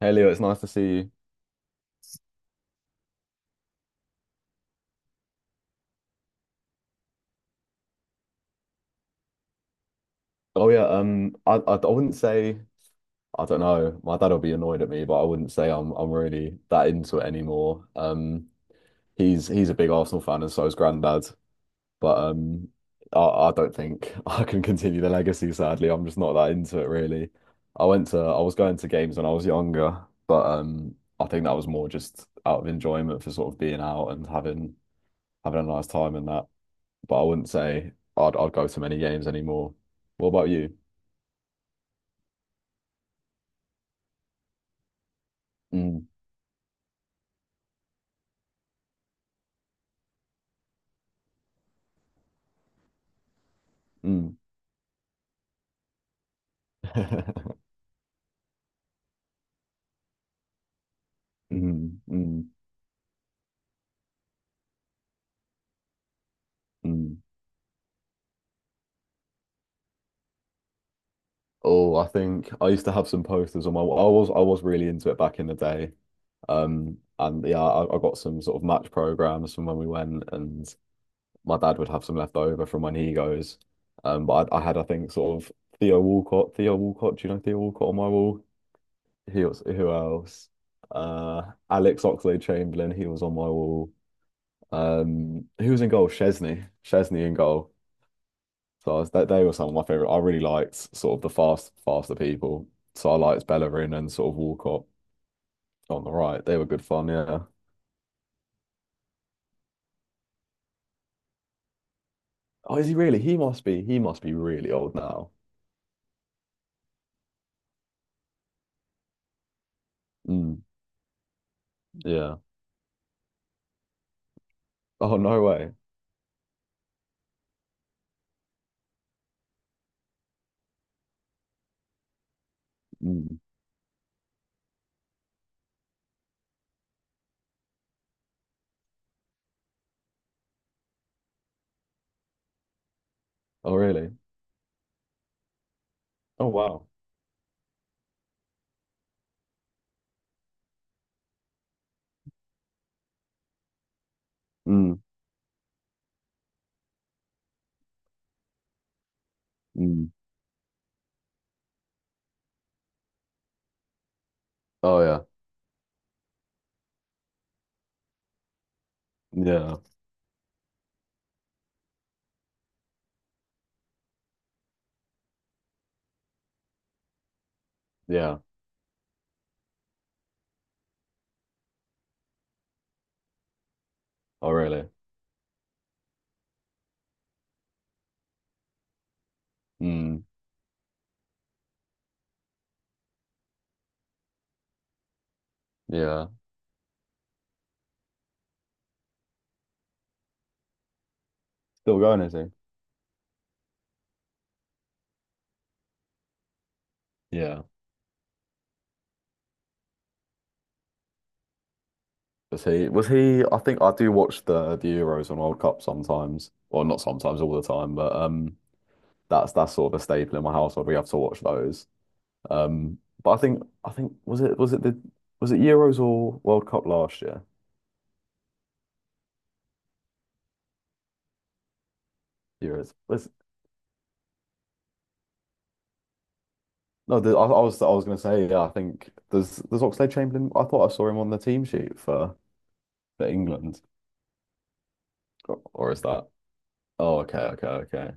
Hey Leo, it's nice to see you. Oh yeah, I wouldn't say I don't know. My dad will be annoyed at me, but I wouldn't say I'm really that into it anymore. He's a big Arsenal fan, and so is Granddad. But I don't think I can continue the legacy. Sadly, I'm just not that into it really. I was going to games when I was younger, but I think that was more just out of enjoyment for sort of being out and having a nice time and that. But I wouldn't say I'd go to many games anymore. What about you? Mm, mm, mm, mm, mm. Oh, I think I used to have some posters on my wall. I was really into it back in the day. And yeah, I got some sort of match programs from when we went, and my dad would have some left over from when he goes. But I think sort of Theo Walcott. Do you know Theo Walcott on my wall? He was, who else? Alex Oxlade-Chamberlain. He was on my wall. Who was in goal? Chesney in goal. So they were some of my favorite. I really liked sort of the faster people. So I liked Bellerin and sort of Walcott on the right. They were good fun, yeah. Oh, is he really? He must be. He must be really old now. Mm, yeah. Oh, no way. Mm. Oh, really? Oh, wow. Mm, mm. Oh, yeah. Yeah. Yeah. Oh, really? Mm, yeah. Still going, is he? Yeah. Was he? Was he? I think I do watch the Euros and World Cup sometimes. Well, not sometimes, all the time. But that's sort of a staple in my household. We have to watch those. But I think was it Euros or World Cup last year? Euros. Was, no, the, I was going to say yeah. I think there's Oxlade-Chamberlain. I thought I saw him on the team sheet for England, or is that? Oh, okay, okay, okay.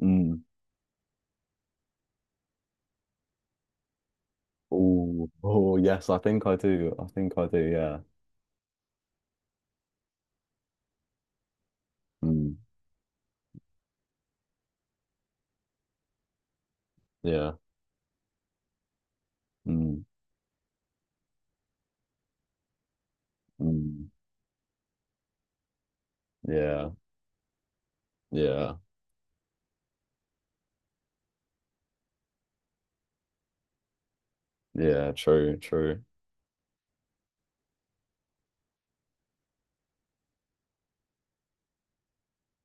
Mm. Oh, oh yes, I think I do. I think I do. Yeah. Mm. Yeah. Mm. Mm. Yeah. Yeah. Yeah. True. True.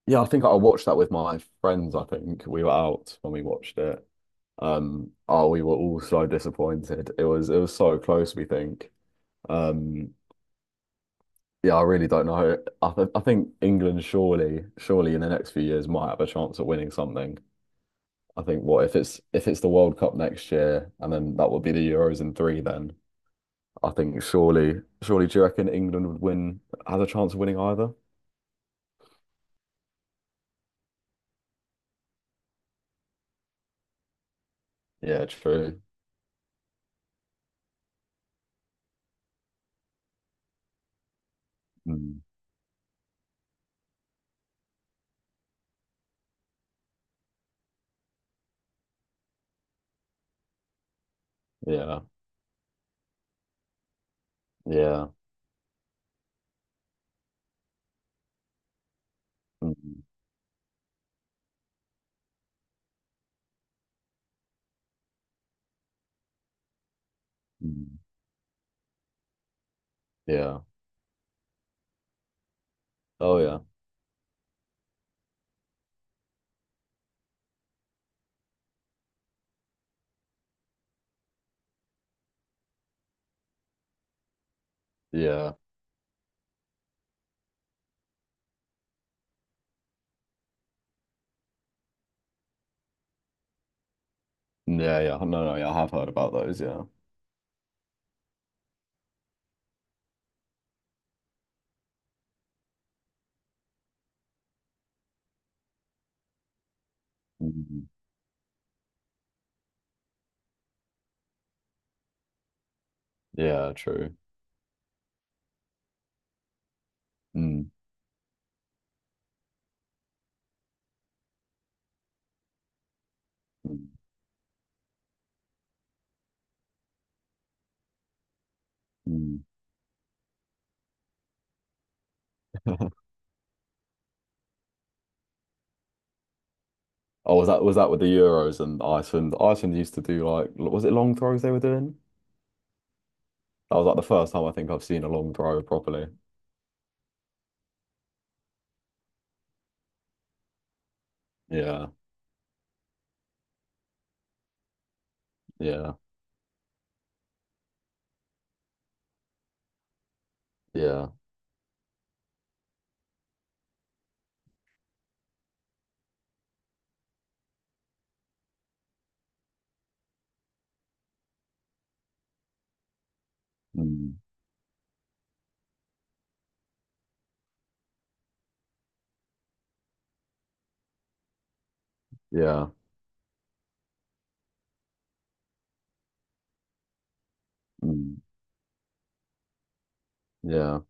Yeah, I think I watched that with my friends. I think we were out when we watched it. Oh, we were all so disappointed. It was so close, we think. Um, yeah, I really don't know. I think England surely, surely in the next few years might have a chance at winning something. I think what if it's the World Cup next year and then that would be the Euros in three then. I think surely, surely, do you reckon England would win, has a chance of winning either? Yeah, true. Mm, yeah, yeah. Mm. Mm. Yeah. Oh yeah. Yeah. Yeah, yeah. No, no, yeah, I have heard about those, yeah. Mm. Yeah, true. Mm. Mm. Mm. Oh, was that with the Euros and Iceland? Iceland used to do like was it long throws they were doing? That was like the first time I think I've seen a long throw properly. Yeah, yeah, yeah. Mm. Yeah. Mm. Yeah.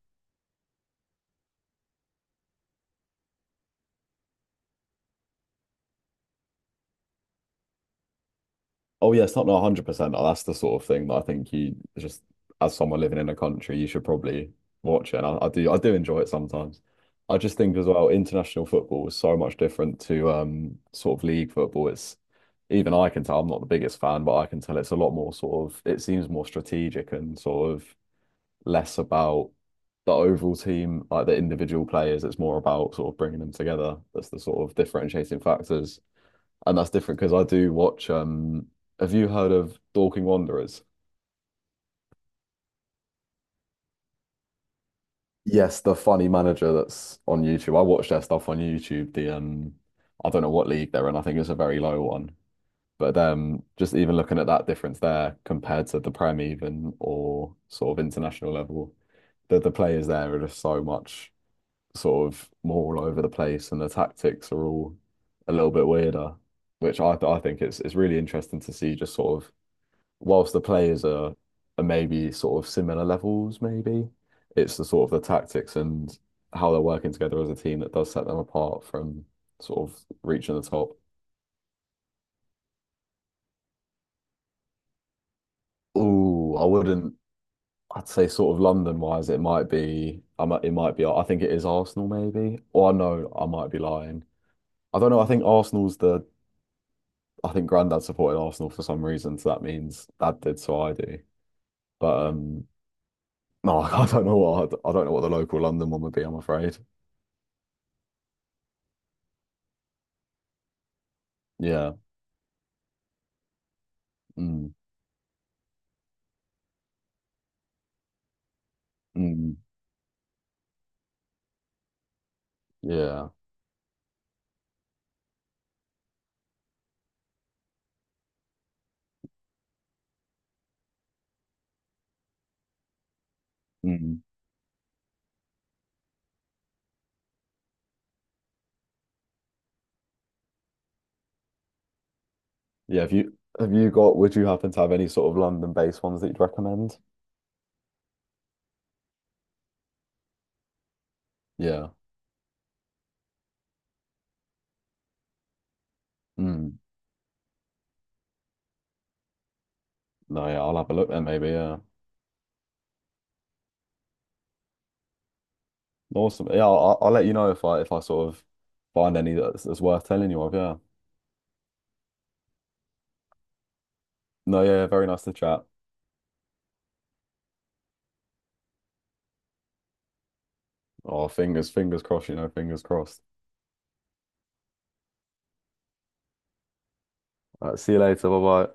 Oh yeah, it's not no, 100%. Oh, that's the sort of thing that I think you just as someone living in a country, you should probably watch it. And I do enjoy it sometimes. I just think as well, international football is so much different to sort of league football. It's even I can tell I'm not the biggest fan, but I can tell it's a lot more sort of it seems more strategic and sort of less about the overall team, like the individual players. It's more about sort of bringing them together. That's the sort of differentiating factors, and that's different because I do watch. Have you heard of Dorking Wanderers? Yes, the funny manager that's on YouTube. I watch their stuff on YouTube. The I don't know what league they're in. I think it's a very low one. But just even looking at that difference there compared to the Prem even or sort of international level, the players there are just so much sort of more all over the place, and the tactics are all a little bit weirder, which I think it's really interesting to see just sort of whilst the players are maybe sort of similar levels, maybe it's the sort of the tactics and how they're working together as a team that does set them apart from sort of reaching the top. Ooh, I wouldn't. I'd say sort of London wise, it might be. I might. It might be. I think it is Arsenal, maybe. Or no, I might be lying. I don't know. I think Arsenal's the. I think Grandad supported Arsenal for some reason, so that means Dad did, so I do. But no, I don't know what. I don't know what the local London one would be, I'm afraid. Yeah. Mm, mm, yeah. Mm. Yeah. Would you happen to have any sort of London-based ones that you'd recommend? Yeah. Mm. No, yeah, I'll have a look then maybe. Yeah. Awesome. Yeah, I'll let you know if I sort of find any that's worth telling you of. Yeah. No, yeah, very nice to chat. Oh, fingers crossed, you know, fingers crossed. All right, see you later. Bye bye.